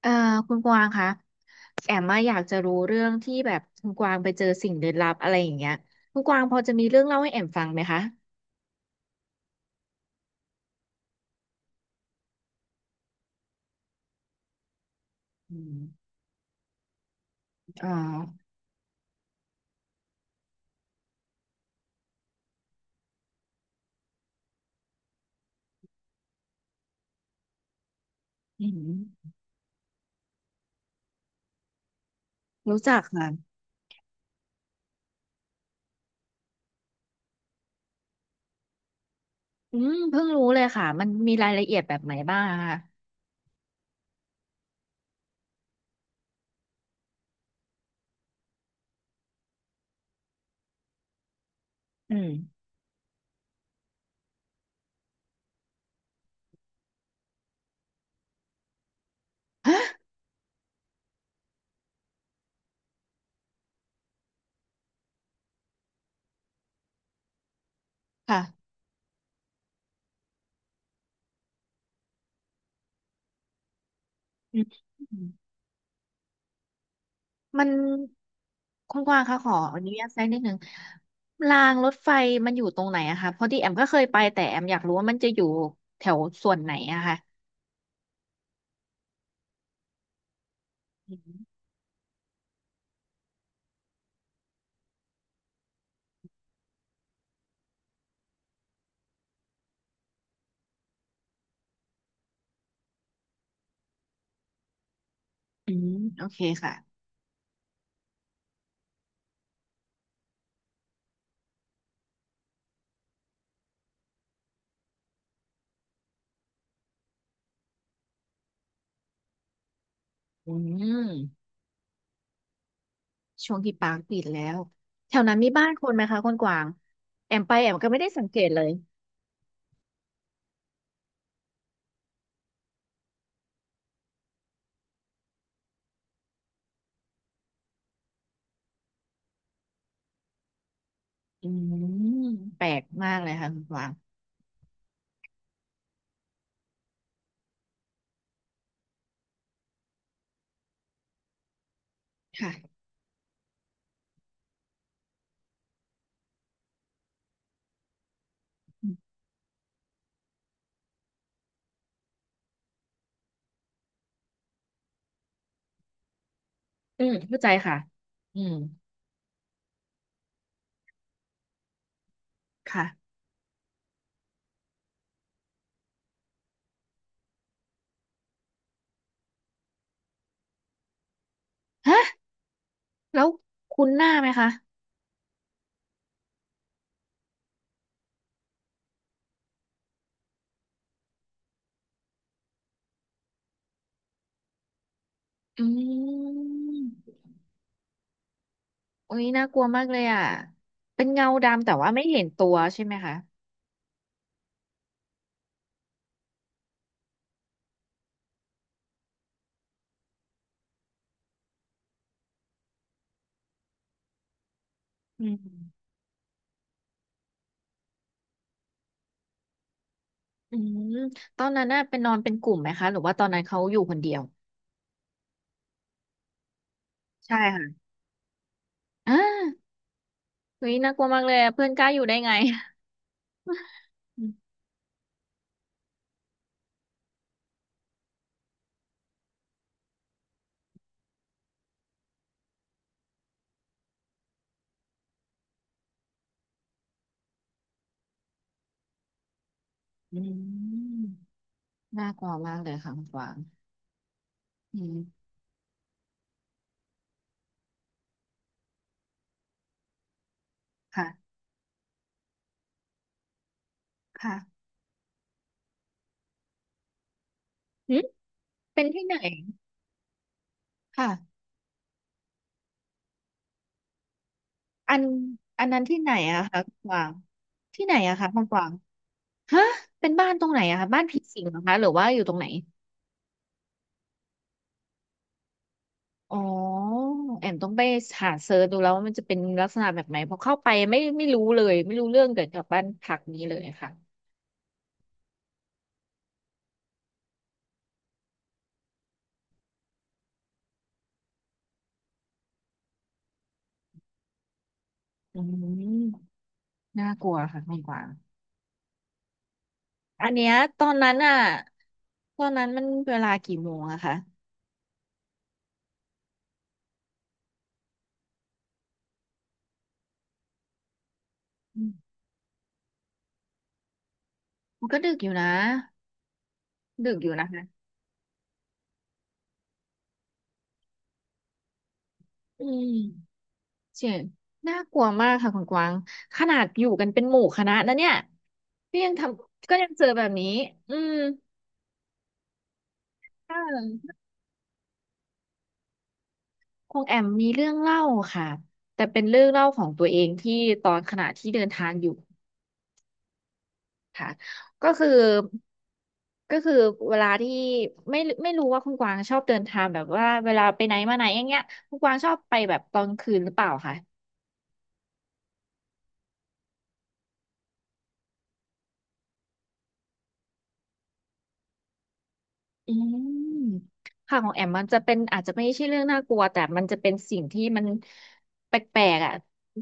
เอ่อคุณกวางคะแอมมาอยากจะรู้เรื่องที่แบบคุณกวางไปเจอสิ่งลึกลับอะไรอย่างเงี้ยคุณกวางพอจะมีเรื่องเล่าให้แอมฟังไหมคะอืมอ่าอืมรู้จักค่ะอืมเพิ่งรู้เลยค่ะมันมีรายละเอียดแบบไหนบ้างอะคะอืมฮะค่ะอืมมันคุณกวางคะขออนุญาตแซงนิดนึงรางรถไฟมันอยู่ตรงไหนอะคะเพราะที่แอมก็เคยไปแต่แอมอยากรู้ว่ามันจะอยู่แถวส่วนไหนอะค่ะอืมอืมโอเคค่ะ อืมช่วงที่ปางปิดแล้วแถวนั้นมีบ้านคนไหมคะคนกวางแอมไปแอมก็ไม่ได้สังเกตเลยอืมแปลกมากเลยค่ะคุณกวางค่ะอืมเข้าใจค่ะอืมค่ะฮะแล้วคุ้นหน้าไหมคะอืมโอ้ยน่ากลัวมากเลยอ่ะเป็นเงาดำแต่ว่าไม่เห็นตัวใช่ไหมคะอืมอืมตอนนั้นน่ะเป็นนอนเป็นกลุ่มไหมคะหรือว่าตอนนั้นเขาอยู่คนเดียวใช่ค่ะอ่า เฮ้ยน่ากลัวมากเลยอะเพื่อนกล้าอยู่ได้ไงอืมอืม น่ากลัวมากเลยค่ะคุณกวางอืมค่ะค่ะหึเป็นที่ไหนค่ะอันนั้นที่ไหนอะคะคุณกวางที่ไหนอะคะคุณกวางฮะเป็นบ้านตรงไหนอะคะบ้านผีสิงเหรอคะหรือว่าอยู่ตรงไหนอ๋อแอมต้องไปหาเซิร์ชดูแล้วว่ามันจะเป็นลักษณะแบบไหนเพอเข้าไปไม่รู้เลยไม่รู้เรื่องเกี่ยวกับบ้านพักนี้เลยค่ะอืมน่ากลัวค่ะคุณกวาง อันเนี้ยตอนนั้นอ่ะตอนนั้นมันเวลากี่โมงอะคะอืมมันก็ดึกอยู่นะดึกอยู่นะคะอืมเสียงน่ากลัวมากค่ะคุณกวางขนาดอยู่กันเป็นหมู่คณะนะเนี่ยก็ยังทำก็ยังเจอแบบนี้อืมค่ะคงแอมมีเรื่องเล่าค่ะแต่เป็นเรื่องเล่าของตัวเองที่ตอนขณะที่เดินทางอยู่ ค่ะก็คือก็คือเวลาที่ไม่ไม่รู้ว่าคุณกวางชอบเดินทางแบบว่าเวลาไปไหนมาไหนอย่างเงี้ยคุณกวางชอบไปแบบตอนคืนหรือเปล่าคะ อืมค่ะของแอมมันจะเป็นอาจจะไม่ใช่เรื่องน่ากลัวแต่มันจะเป็นสิ่งที่มันแปลกๆอ่ะ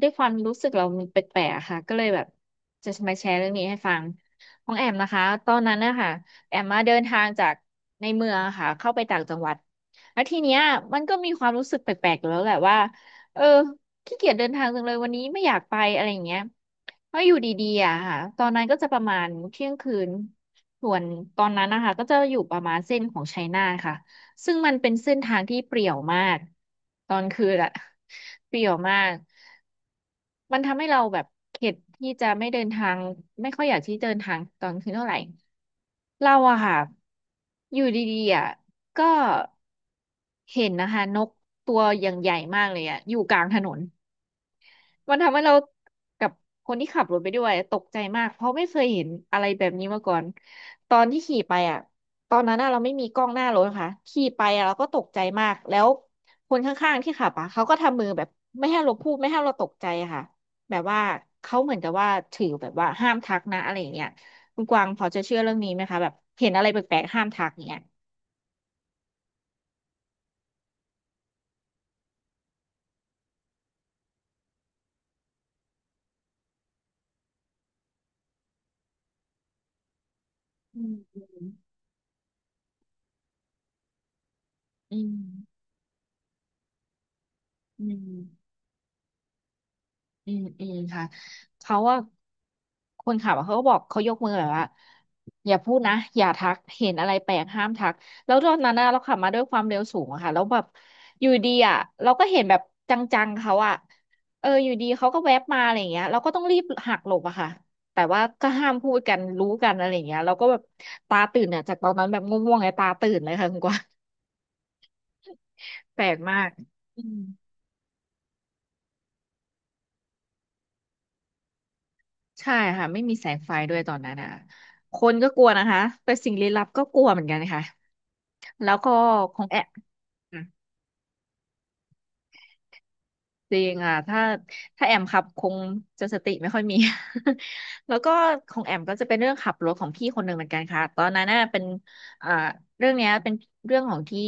ด้วยความรู้สึกเรามันแปลกๆอะค่ะก็เลยแบบจะมาแชร์เรื่องนี้ให้ฟังของแอมนะคะตอนนั้นนะคะแอมมาเดินทางจากในเมืองอะค่ะเข้าไปต่างจังหวัดแล้วทีเนี้ยมันก็มีความรู้สึกแปลกๆอยู่แล้วแหละว่าเออขี้เกียจเดินทางจังเลยวันนี้ไม่อยากไปอะไรอย่างเงี้ยเพราะอยู่ดีๆอะค่ะตอนนั้นก็จะประมาณเที่ยงคืน ส่วนตอนนั้นนะคะก็จะอยู่ประมาณเส้นของไชน่าค่ะซึ่งมันเป็นเส้นทางที่เปรี่ยวมากตอนคืนอะเปรี่ยวมากมันทำให้เราแบบเข็ดที่จะไม่เดินทางไม่ค่อยอยากที่เดินทางตอนคืนเท่าไหร่เราอะค่ะอยู่ดีๆอะก็เห็นนะคะนกตัวอย่างใหญ่มากเลยอะอยู่กลางถนน มันทำให้เรากับคนที่ขับรถไปด้วยตกใจมากเพราะไม่เคยเห็นอะไรแบบนี้มาก่อนตอนที่ขี่ไปอ่ะตอนนั้นอะเราไม่มีกล้องหน้ารถค่ะขี่ไปอะเราก็ตกใจมากแล้วคนข้างๆที่ขับอ่ะเขาก็ทำมือแบบไม่ให้เราพูดไม่ให้เราตกใจอะค่ะแบบว่าเขาเหมือนกับว่าถือแบบว่าห้ามทักนะอะไรอย่างเงี้ยคุณกวางพอจะเชื่อเรื่องนี้ไหมคะแบบเห็นอะไรแปลกๆห้ามทักอย่างเงี้ยอืมอืมอืม อืมอืมค่ะเขาว่าคนขับอะเขาก็บอกเขายกมือแบบว่าอย่าพูดนะอย่าทักเห็นอะไรแปลกห้ามทักแล้วตอนนั้นน่ะเราขับมาด้วยความเร็วสูงอะค่ะแล้วแบบอยู่ดีอะเราก็เห็นแบบจังๆเขาอะเอออยู่ดีเขาก็แวบมาอะไรอย่างเงี้ยเราก็ต้องรีบหักหลบอะค่ะแต่ว่าก็ห้ามพูดกันรู้กันอะไรอย่างเงี้ยเราก็แบบตาตื่นเนี่ยจากตอนนั้นแบบง่วงๆไงตาตื่นเลยค่ะคุณกวาง แปลกมากอืม ใช่ค่ะไม่มีแสงไฟด้วยตอนนั้นอ่ะคนก็กลัวนะคะแต่สิ่งลี้ลับก็กลัวเหมือนกันค่ะแล้วก็ของแอมอ่ะจริงอ่ะถ้าแอมขับคงจะสติไม่ค่อยมี แล้วก็ของแอมก็จะเป็นเรื่องขับรถของพี่คนหนึ่งเหมือนกันค่ะตอนนั้นน่ะเป็นอ่าเรื่องเนี้ยเป็นเรื่องของที่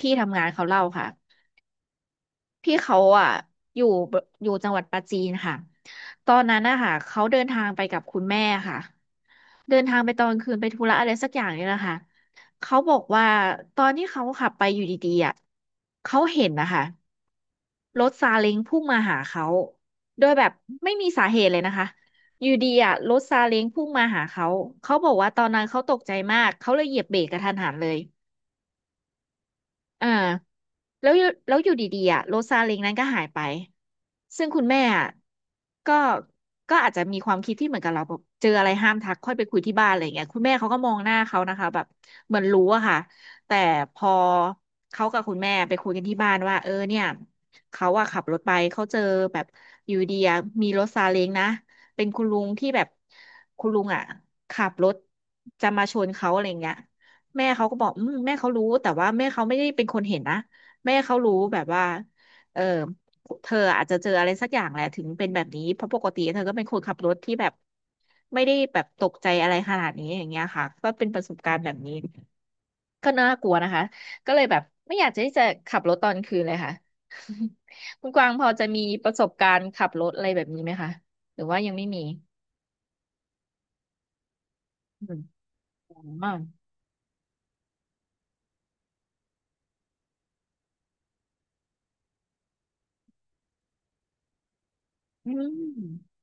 พี่ทำงานเขาเล่าค่ะพี่เขาอ่ะอยู่อยู่จังหวัดปราจีนค่ะตอนนั้นนะคะเขาเดินทางไปกับคุณแม่ค่ะ เดินทางไปตอนคืนไปธุระอะไรสักอย่างเนี่ยแหละค่ะเขาบอกว่าตอนที่เขาขับไปอยู่ดีๆอ่ะเขาเห็นนะคะรถซาเล้งพุ่งมาหาเขาโดยแบบไม่มีสาเหตุเลยนะคะอยู่ดีอ่ะรถซาเล้งพุ่งมาหาเขาเขาบอกว่าตอนนั้นเขาตกใจมากเขาเลยเหยียบเบรกกระทันหันเลย อ่าแล้วอยู่ดีๆอ่ะโรซาเล้งนั้นก็หายไปซึ่งคุณแม่อ่ะก็ก็อาจจะมีความคิดที่เหมือนกับเราแบบเจออะไรห้ามทักค่อยไปคุยที่บ้านอะไรอย่างเงี้ยคุณแม่เขาก็มองหน้าเขานะคะแบบเหมือนรู้อะค่ะแต่พอเขากับคุณแม่ไปคุยกันที่บ้านว่าเออเนี่ยเขาอะขับรถไปเขาเจอแบบอยู่ดีอะมีรถซาเล้งนะเป็นคุณลุงที่แบบคุณลุงอะขับรถจะมาชนเขาอะไรอย่างเงี้ย แม่เขาก็บอกอืมแม่เขารู้แต่ว่าแม่เขาไม่ได้เป็นคนเห็นนะแม่เขารู้แบบว่าเออเธออาจจะเจออะไรสักอย่างแหละถึงเป็นแบบนี้เพราะปกติเธอก็เป็นคนขับรถที่แบบไม่ได้แบบตกใจอะไรขนาดนี้อย่างเงี้ยค่ะก็เป็นประสบการณ์แบบนี้ก็น่ากลัวนะคะก็เลยแบบไม่อยากจะที่จะขับรถตอนคืนเลยค่ะ คุณกวางพอจะมีประสบการณ์ขับรถอะไรแบบนี้ไหมคะหรือว่ายังไม่มีอืมอ๋ออืม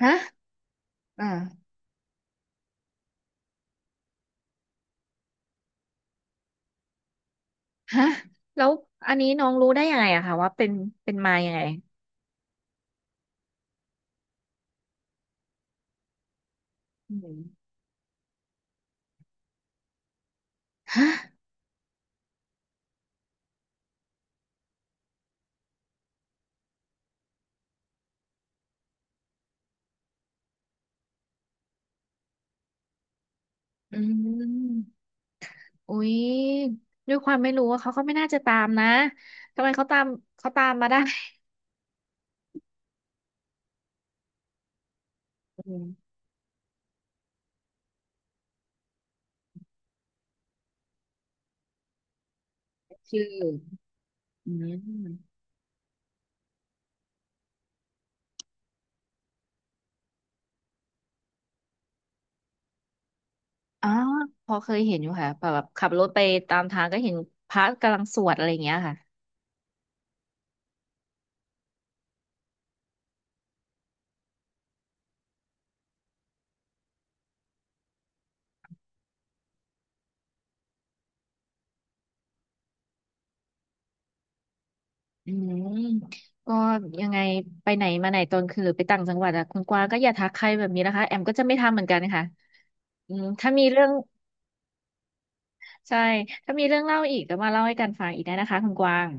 ฮะอ่า ฮะแล้วอันนี้น้องรู้ได้ยังไงอะคะว่าเป็นมายังไงอืมฮะอืมอุ๊ยด้วยความไม่รู้ว่าเขาก็ไม่น่าจะตามนะทำไมเขาตามเขาตามมาได้อืมชื่ออืมอ๋อพอเคยเห็นอยู่ค่ะแบบขับรถไปตามทางก็เห็นพระกำลังสวดอะไรอย่างเงี้ยค่ะอืมก็ยังไงไปไหนมาไหนตอนคืนหรือไปต่างจังหวัดอะคุณกวางก็อย่าทักใครแบบนี้นะคะแอมก็จะไม่ทำเหมือนกันค่ะอืมถ้ามีเรื่อง ใช่ ถ้ามีเรื่องเล่าอีกก็มาเล่าให้กันฟังอีกได้นะคะคุณกวาง